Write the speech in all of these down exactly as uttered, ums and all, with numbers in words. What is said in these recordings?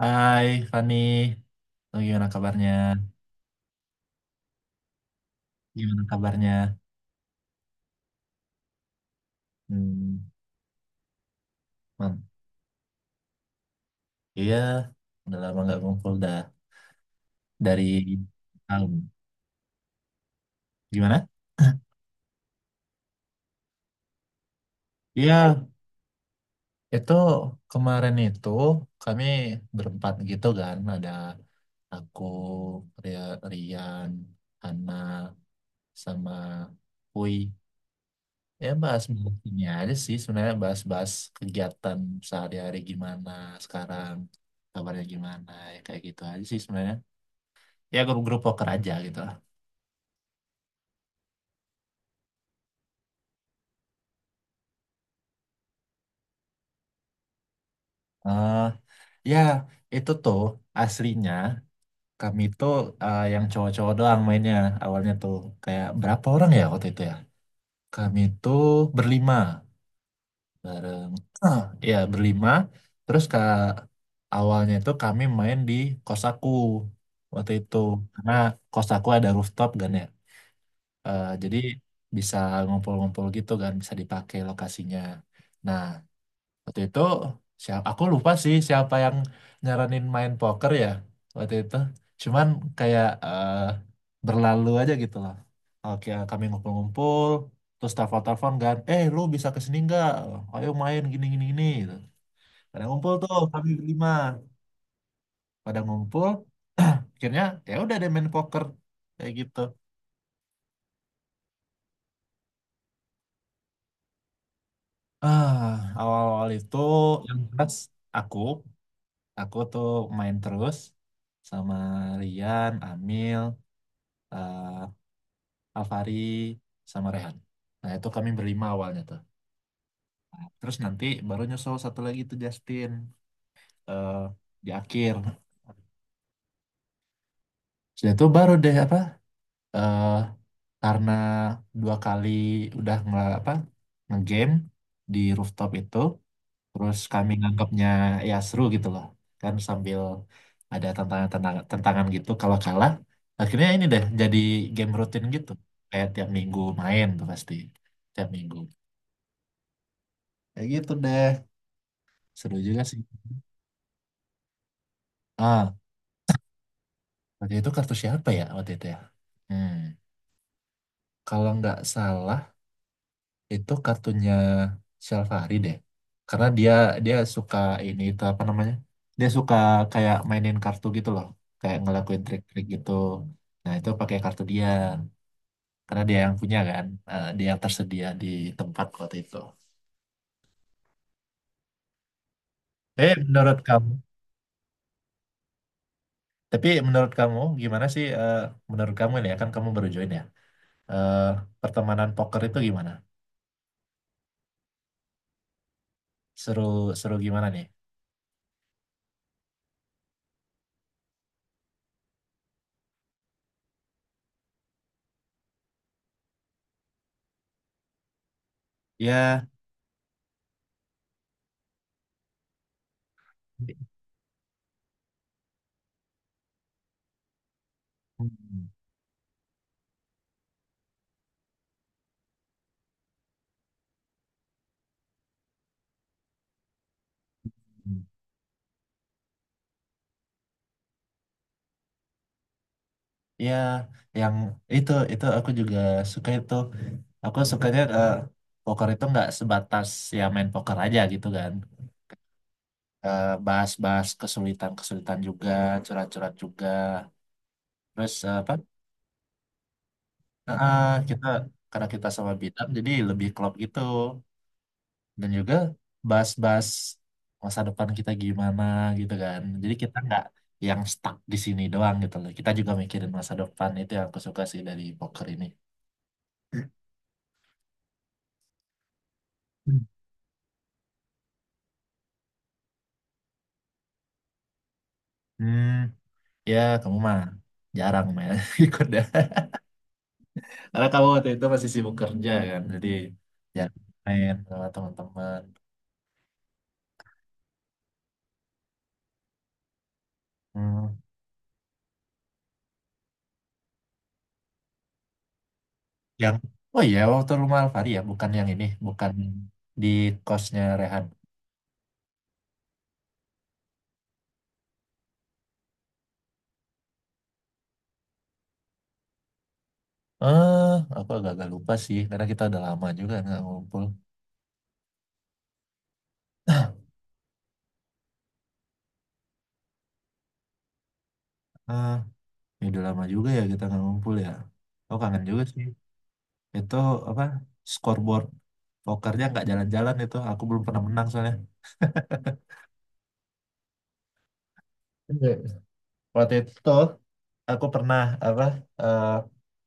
Hai Fani. Oh, gimana kabarnya? Gimana kabarnya? Hmm, man. Iya, udah lama nggak ngumpul dah dari tahun. Gimana? Iya, itu kemarin itu kami berempat gitu kan, ada aku, Ria- Rian, Hana, sama Hui. Ya bahas ini aja sih sebenarnya, bahas-bahas kegiatan sehari-hari, gimana sekarang, kabarnya gimana, ya kayak gitu aja sih sebenarnya, ya grup-grup poker aja gitu lah. Eh, Ya itu tuh aslinya kami tuh eh, yang cowok-cowok doang mainnya. Awalnya tuh kayak berapa orang ya waktu itu ya, kami tuh berlima bareng. Ya berlima. Terus ke awalnya itu kami main di kos aku waktu itu, karena kos aku ada rooftop kan ya. Eh, jadi bisa ngumpul-ngumpul gitu kan, bisa dipakai lokasinya. Nah, waktu itu siapa, aku lupa sih siapa yang nyaranin main poker ya waktu itu. Cuman kayak eh, berlalu aja gitu loh. Oke, kami ngumpul-ngumpul, terus telepon-telepon kan, eh lu bisa kesini nggak, ayo main gini gini gini gitu. Pada ngumpul tuh kami berlima, pada ngumpul akhirnya, ya udah deh main poker kayak gitu. ah Awal-awal itu yang jelas aku aku tuh main terus sama Rian, Amil, eh, Alvari sama Rehan. Nah itu kami berlima awalnya tuh. Terus nanti baru nyusul satu lagi tuh Justin, eh, di akhir. Sudah itu baru deh apa, eh, karena dua kali udah nge apa, ngegame di rooftop itu, terus kami nganggapnya ya seru gitu loh. Kan sambil ada tantangan-tantangan tantangan gitu kalau kalah. Akhirnya ini deh jadi game rutin gitu. Kayak tiap minggu main tuh pasti. Tiap minggu. Kayak gitu deh. Seru juga sih. Ah, Waktu itu kartu siapa ya waktu itu ya? Hmm. Kalau nggak salah itu kartunya Syafari deh. Karena dia dia suka ini, itu apa namanya? Dia suka kayak mainin kartu gitu loh, kayak ngelakuin trik-trik gitu. Nah, itu pakai kartu dia, karena dia yang punya kan. Eh, dia yang tersedia di tempat waktu itu. Eh, menurut kamu, tapi menurut kamu gimana sih? Eh, menurut kamu, ini ya, kan kamu baru join ya. Eh, Pertemanan poker itu gimana? Seru, seru gimana nih? Ya. Hmm. Ya, yang itu itu aku juga suka itu. Aku sukanya eh, poker itu nggak sebatas ya main poker aja gitu kan. Eh, bahas-bahas kesulitan-kesulitan juga, curhat-curhat juga. Terus eh, apa? Eh, kita Karena kita sama bidang jadi lebih klop gitu. Dan juga bahas-bahas masa depan kita gimana gitu kan, jadi kita nggak yang stuck di sini doang gitu loh, kita juga mikirin masa depan. Itu yang aku suka sih dari poker ini. Hmm. Ya, kamu mah jarang main ikut ya, karena kamu waktu itu masih sibuk kerja kan, jadi ya main sama teman-teman. Hmm. yang oh iya, waktu rumah Alfari ya, bukan yang ini, bukan, di kosnya Rehan. eh aku agak-agak lupa sih karena kita udah lama juga nggak ngumpul. Ah, Ya udah lama juga ya kita nggak ngumpul ya. Aku kangen juga sih. Itu apa? Scoreboard pokernya nggak jalan-jalan itu. Aku belum pernah menang soalnya. Enggak. Waktu itu aku pernah apa? eh,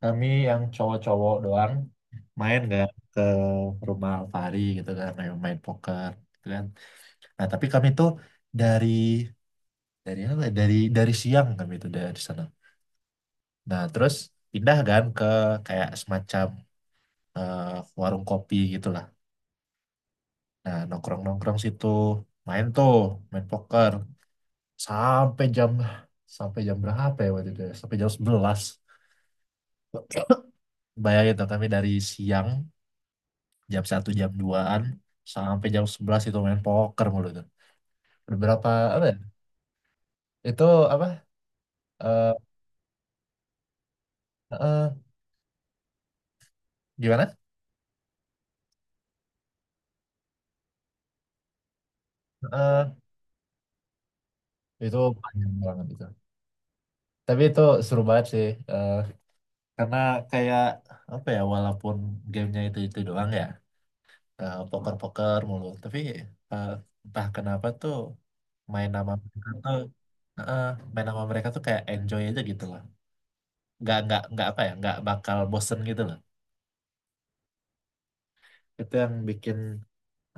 Kami yang cowok-cowok doang main nggak, ke rumah Alfari gitu kan, main, main poker gitu kan. Nah tapi kami tuh dari dari apa, ya? Dari dari siang kami itu dari sana. Nah terus pindah kan ke kayak semacam eh, warung kopi gitulah. Nah, nongkrong-nongkrong situ, main tuh, main poker, sampai jam sampai jam berapa ya waktu itu? Ya? Sampai jam sebelas. Bayangin tuh, kami dari siang jam satu, jam duaan, sampai jam sebelas itu main poker mulu itu. Berapa apa ya? Itu apa? eh eh, Gimana? Eh, itu panjang banget itu. Tapi itu seru banget sih. eh, karena kayak apa ya, walaupun gamenya itu itu doang ya, eh, poker-poker mulu, tapi eh, entah kenapa tuh, main nama mereka tuh eh, main nama mereka tuh kayak enjoy aja gitu loh. nggak nggak nggak apa ya, nggak bakal bosen gitu loh. Itu yang bikin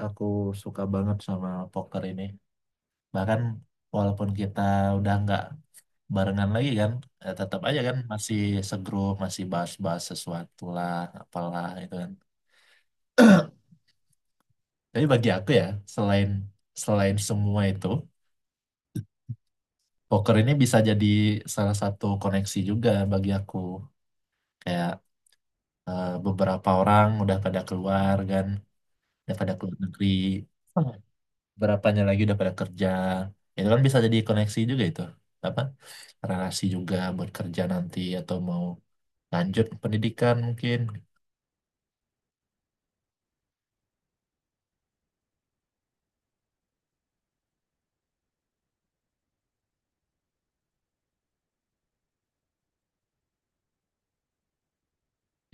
aku suka banget sama poker ini. Bahkan walaupun kita udah nggak barengan lagi kan, eh, tetap aja kan masih segrup, masih bahas-bahas sesuatu lah, apalah itu kan. Jadi bagi aku ya, selain selain semua itu, poker ini bisa jadi salah satu koneksi juga bagi aku. Kayak eh, beberapa orang udah pada keluar kan, udah pada keluar negeri, berapanya lagi udah pada kerja. Itu kan bisa jadi koneksi juga itu. Apa? Relasi juga buat kerja nanti, atau mau lanjut pendidikan mungkin.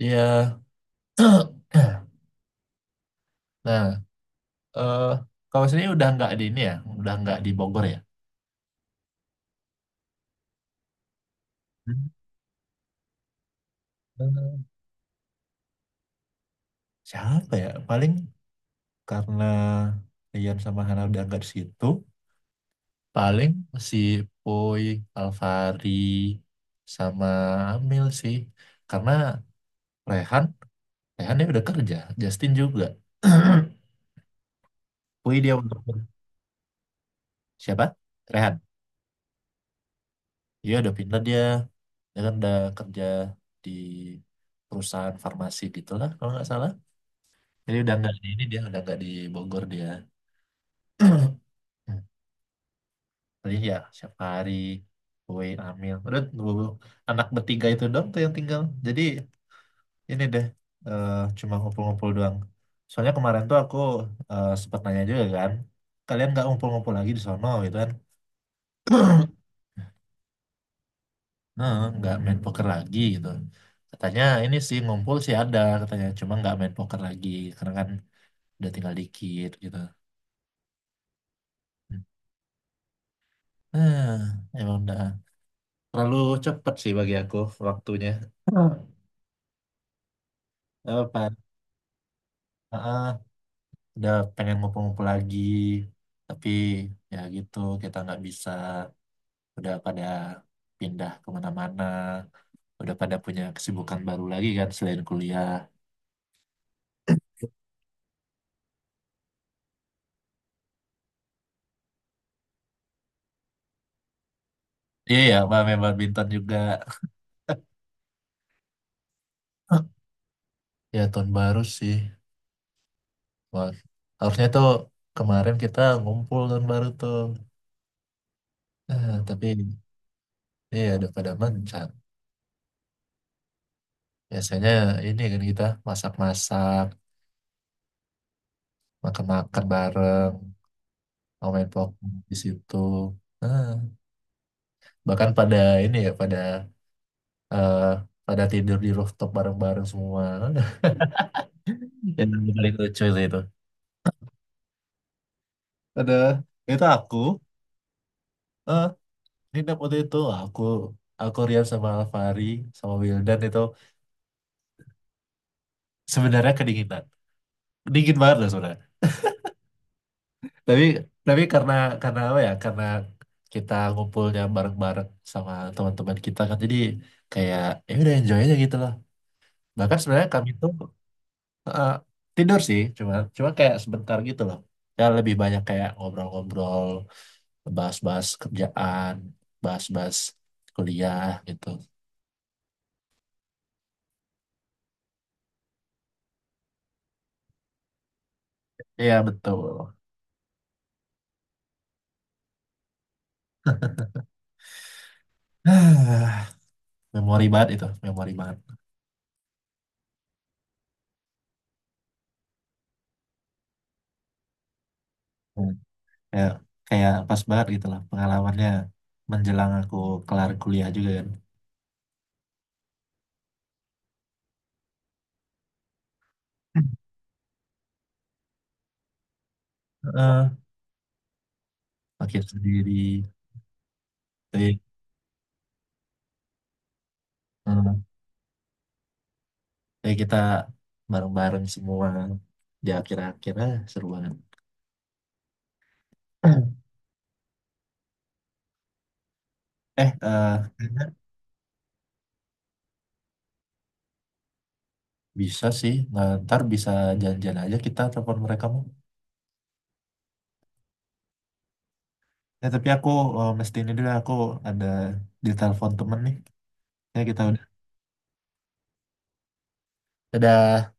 Iya. Nah, eh kalau sini udah nggak di ini ya, udah nggak di Bogor ya. Hmm. Siapa ya? Paling, karena Rian sama Hana udah nggak di situ, paling si Poi, Alvari, sama Amil sih, karena Rehan Rehan dia udah kerja, Justin juga. Poi dia udah ker- siapa, Rehan, dia udah pindah dia dia kan udah kerja di perusahaan farmasi gitulah, kalau nggak salah. Jadi udah nggak di ini, dia udah nggak di Bogor dia. Jadi ya siap hari kue amil. Udah bu- bu- anak bertiga itu doang tuh yang tinggal. Jadi ini deh eh, cuma ngumpul-ngumpul doang. Soalnya kemarin tuh aku eh, sempat nanya juga kan, kalian nggak ngumpul-ngumpul lagi di sono gitu kan? Nah, nggak main poker lagi gitu. Katanya ini sih ngumpul sih ada katanya, cuma nggak main poker lagi, karena kan udah tinggal dikit gitu. Nah, emang udah terlalu cepet sih bagi aku waktunya. Apa? Udah pengen ngumpul-ngumpul lagi, tapi ya gitu, kita nggak bisa, udah pada pindah kemana-mana, udah pada punya kesibukan baru lagi kan selain kuliah. Iya ya, main badminton juga. Ya tahun baru sih. Wah, harusnya tuh kemarin kita ngumpul tahun baru tuh. Eh, tapi iya, udah pada mencar. Biasanya ini kan kita masak-masak, makan-makan bareng, mau main poker di situ. Nah, bahkan pada ini ya, pada eh, pada tidur di rooftop bareng-bareng semua. Itu yang paling lucu sih itu. Ada itu aku, eh ini dap waktu itu aku aku Rian sama Alfari sama Wildan itu, sebenarnya kedinginan, dingin banget loh sebenarnya. Tapi tapi karena karena apa ya, karena kita ngumpulnya bareng-bareng sama teman-teman kita kan, jadi kayak ya udah enjoy aja gitu loh. Bahkan sebenarnya kami tuh Eh, tidur sih cuma cuma kayak sebentar gitu loh. Ya lebih banyak kayak ngobrol-ngobrol, bahas-bahas kerjaan, bahas-bahas kuliah gitu. Iya betul. Memori banget itu, memori banget. Hmm. kayak kayak pas banget gitu lah pengalamannya, menjelang aku kelar kuliah juga kan. Heeh, makin sendiri. Jadi eh, jadi kita bareng-bareng semua di akhir-akhirnya, seru banget. eh eh Bisa sih, nah, ntar bisa janjian aja kita telepon mereka mau. Ya, tapi aku eh, mesti ini dulu, aku ada di telepon temen nih. Ya, kita udah. Dadah.